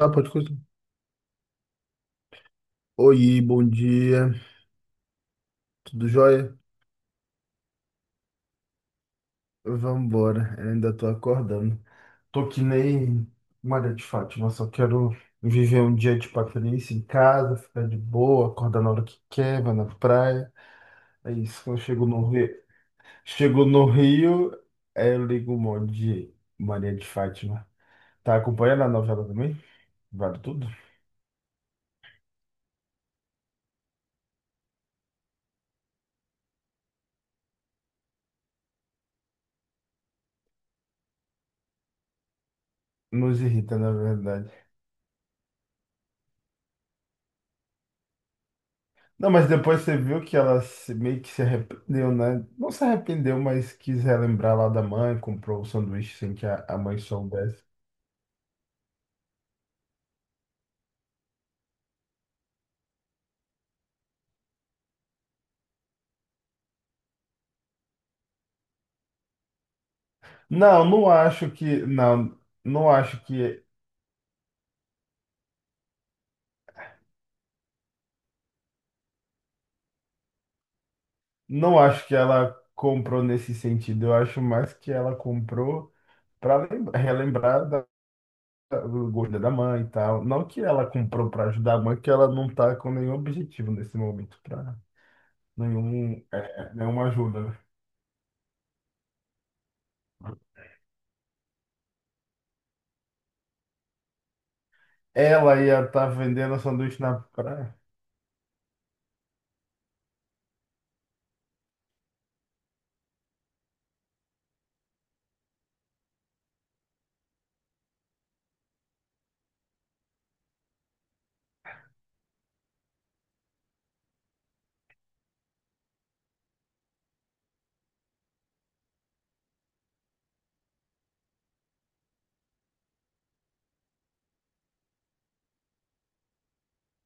Ah, pode continuar. Oi, bom dia, tudo jóia? Vambora, eu ainda tô acordando. Tô que nem Maria de Fátima, só quero viver um dia de Patrícia em casa, ficar de boa, acordar na hora que quer, vai na praia. É isso, quando eu chego no Rio, chego no Rio, aí eu ligo um monte de Maria de Fátima. Tá acompanhando a novela também? Vale tudo? Nos irrita, na verdade. Não, mas depois você viu que ela se- meio que se arrependeu, né? Não se arrependeu, mas quis relembrar lá da mãe, comprou o sanduíche sem que a mãe soubesse. Não, não acho que. Não, não acho que. Não acho que ela comprou nesse sentido. Eu acho mais que ela comprou para relembrar do gosto da mãe e tal. Não que ela comprou para ajudar a mãe, que ela não tá com nenhum objetivo nesse momento, para nenhuma ajuda. Ela ia estar vendendo sanduíche na praia.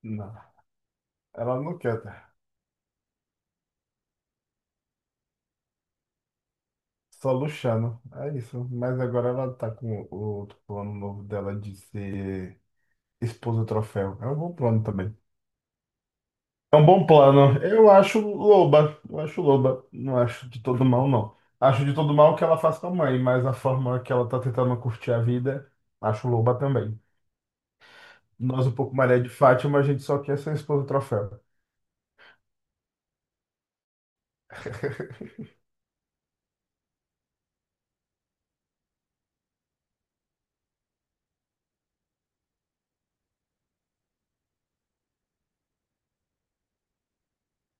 Não, ela não quer, tá? Só Luciano. É isso. Mas agora ela tá com o outro plano novo dela de ser esposa troféu. É um bom plano também. É um bom plano. Eu acho loba. Eu acho loba. Não acho de todo mal, não. Acho de todo mal que ela faz com a mãe, mas a forma que ela tá tentando curtir a vida, acho loba também. Nós, um pouco Maria de Fátima, a gente só quer ser esposa troféu.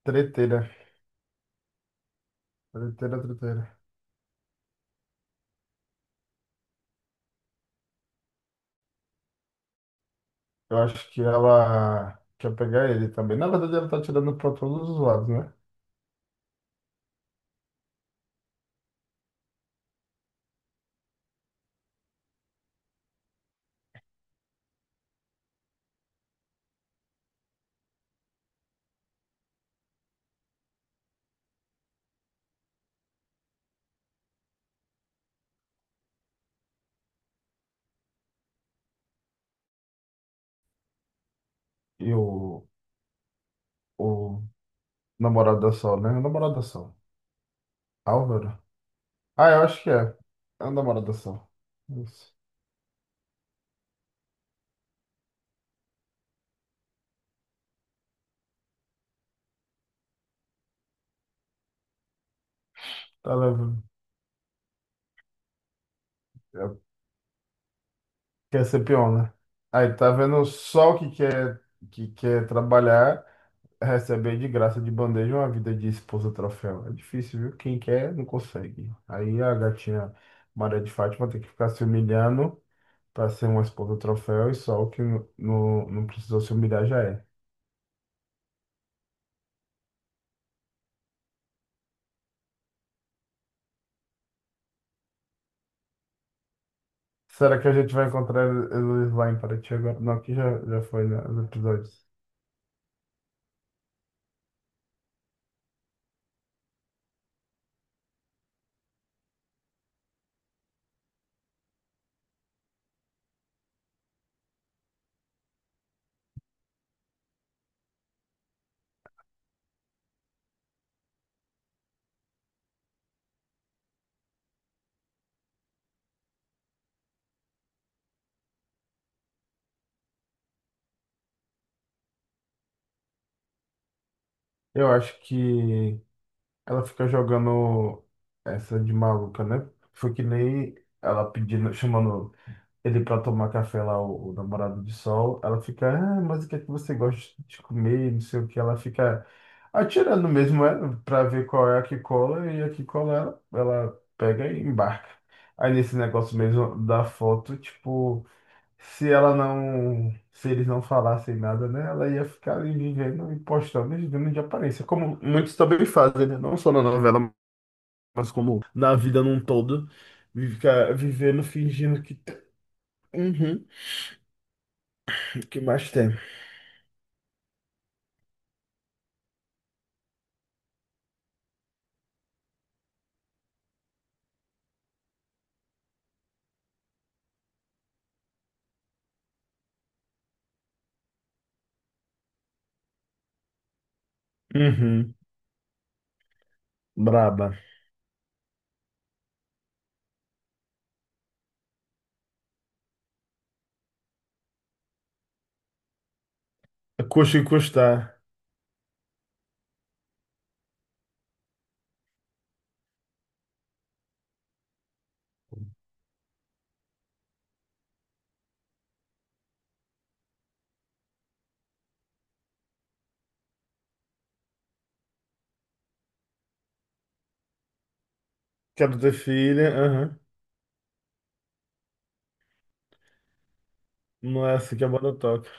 Treteira. Treteira, treteira. Eu acho que ela quer pegar ele também. Na verdade, ela tá tirando pra todos os lados, né? E o namorado da Sol, né? O namorado da Sol. Álvaro? Ah, eu acho que é. É o namorado da Sol. Isso. Tá levando. é, Quer ser peão, né? Aí tá vendo só o que quer trabalhar, receber de graça de bandeja uma vida de esposa troféu. É difícil, viu? Quem quer, não consegue. Aí a gatinha Maria de Fátima tem que ficar se humilhando para ser uma esposa troféu e só o que não não precisou se humilhar já é. Será que a gente vai encontrar eles lá em Paraty agora? Não, aqui já foi né, nos episódios. Eu acho que ela fica jogando essa de maluca, né? Foi que nem ela pedindo, chamando ele para tomar café lá, o namorado de sol. Ela fica, ah, mas o que é que você gosta de comer? Não sei o que, ela fica atirando mesmo ela para ver qual é a que cola, e a que cola ela pega e embarca. Aí nesse negócio mesmo da foto, tipo, se eles não falassem nada, né, ela ia ficar ali vivendo e postando e vivendo de aparência, como muitos também fazem, né? Não só na novela, mas como na vida num todo, fica vivendo fingindo que. Uhum. O que mais tem? Uhum. Braba. Custe e que custar. Quero ter filha. Aham. Não é assim que a banda toca.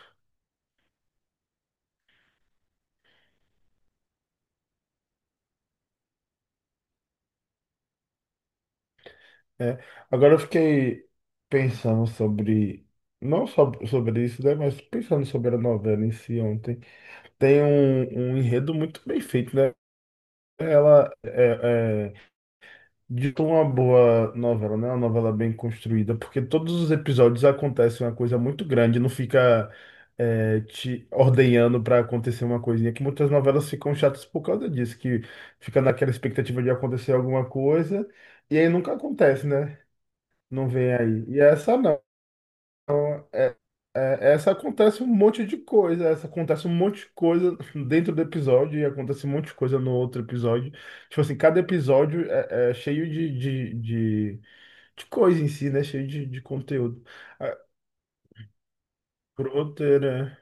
É. Agora eu fiquei pensando sobre. Não só sobre isso, né? Mas pensando sobre a novela em si ontem. Tem um enredo muito bem feito, né? Ela é, é, De uma boa novela, né? Uma novela bem construída, porque todos os episódios acontecem uma coisa muito grande, não fica te ordenhando para acontecer uma coisinha, que muitas novelas ficam chatas por causa disso, que fica naquela expectativa de acontecer alguma coisa, e aí nunca acontece, né? Não vem aí. E essa não. É, essa acontece um monte de coisa, essa acontece um monte de coisa dentro do episódio e acontece um monte de coisa no outro episódio. Tipo assim, cada episódio é cheio de coisa em si, né? Cheio de conteúdo. Ah, brother,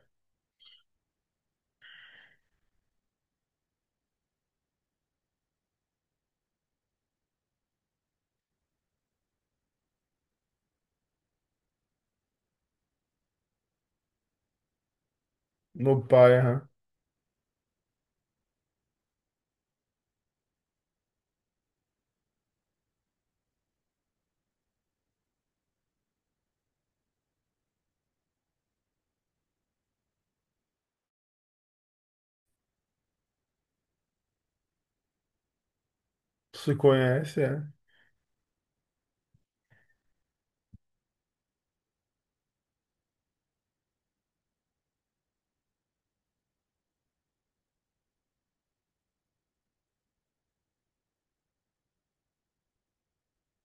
no bairro, se conhece, é?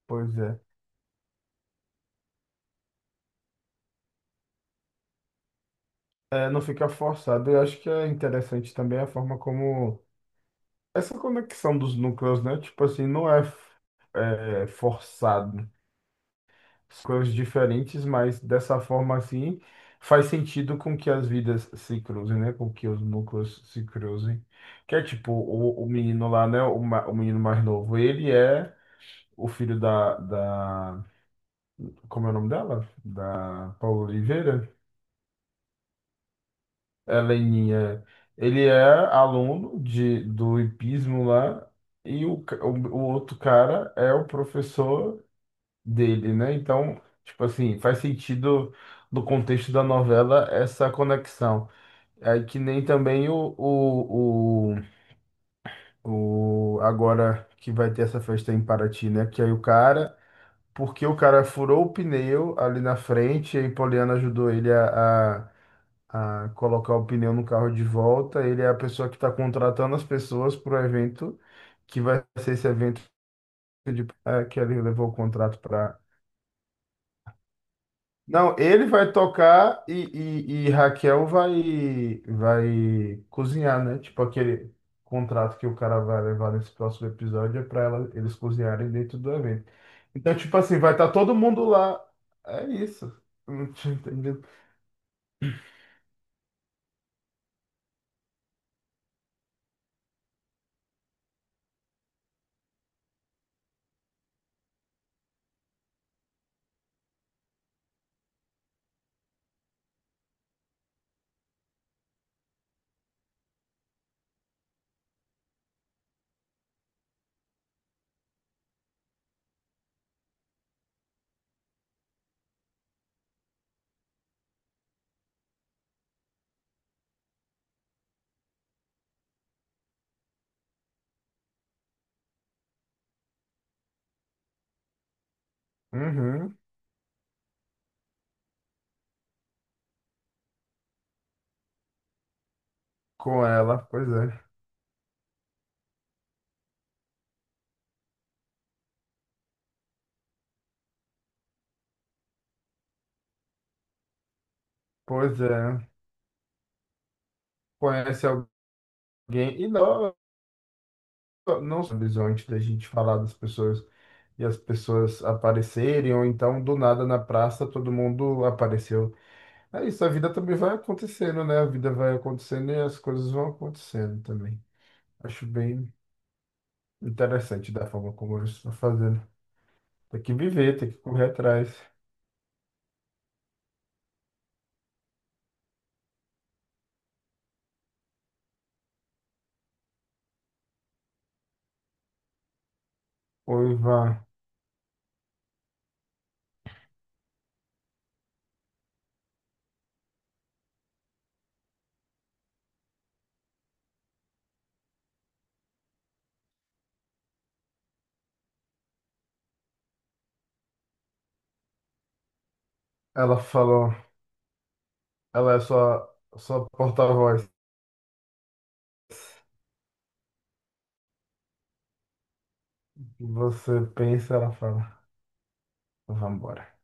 Pois é. É, não fica forçado. Eu acho que é interessante também a forma como essa conexão dos núcleos, né? Tipo assim, não é, f- é, forçado. São coisas diferentes, mas dessa forma assim faz sentido com que as vidas se cruzem, né? Com que os núcleos se cruzem. Que é tipo o menino lá, né? O menino mais novo, ele é o filho da. Como é o nome dela? Da Paula Oliveira? É Leninha. Ele é aluno do hipismo lá, e o outro cara é o professor dele, né? Então, tipo assim, faz sentido no contexto da novela essa conexão. É que nem também o agora que vai ter essa festa em Paraty, né? Que aí o cara, porque o cara furou o pneu ali na frente, e aí Poliana ajudou ele a, a colocar o pneu no carro de volta. Ele é a pessoa que está contratando as pessoas para o evento, que vai ser esse evento de, que ele levou o contrato para. Não, ele vai tocar e, e Raquel vai, vai cozinhar, né? Tipo aquele contrato que o cara vai levar nesse próximo episódio é para ela, eles cozinharem dentro do evento. Então, tipo assim, vai estar todo mundo lá. É isso. Não tinha entendido. Uhum, com ela, pois é. Pois é. Conhece alguém. E não, não avisou antes da gente falar das pessoas e as pessoas aparecerem, ou então do nada na praça todo mundo apareceu. É isso, a vida também vai acontecendo, né? A vida vai acontecendo e as coisas vão acontecendo também. Acho bem interessante da forma como eles estão fazendo. Tem que viver, tem que correr atrás. O Ivan, ela falou, ela é sua porta-voz. Você pensa, ela fala, vamos embora.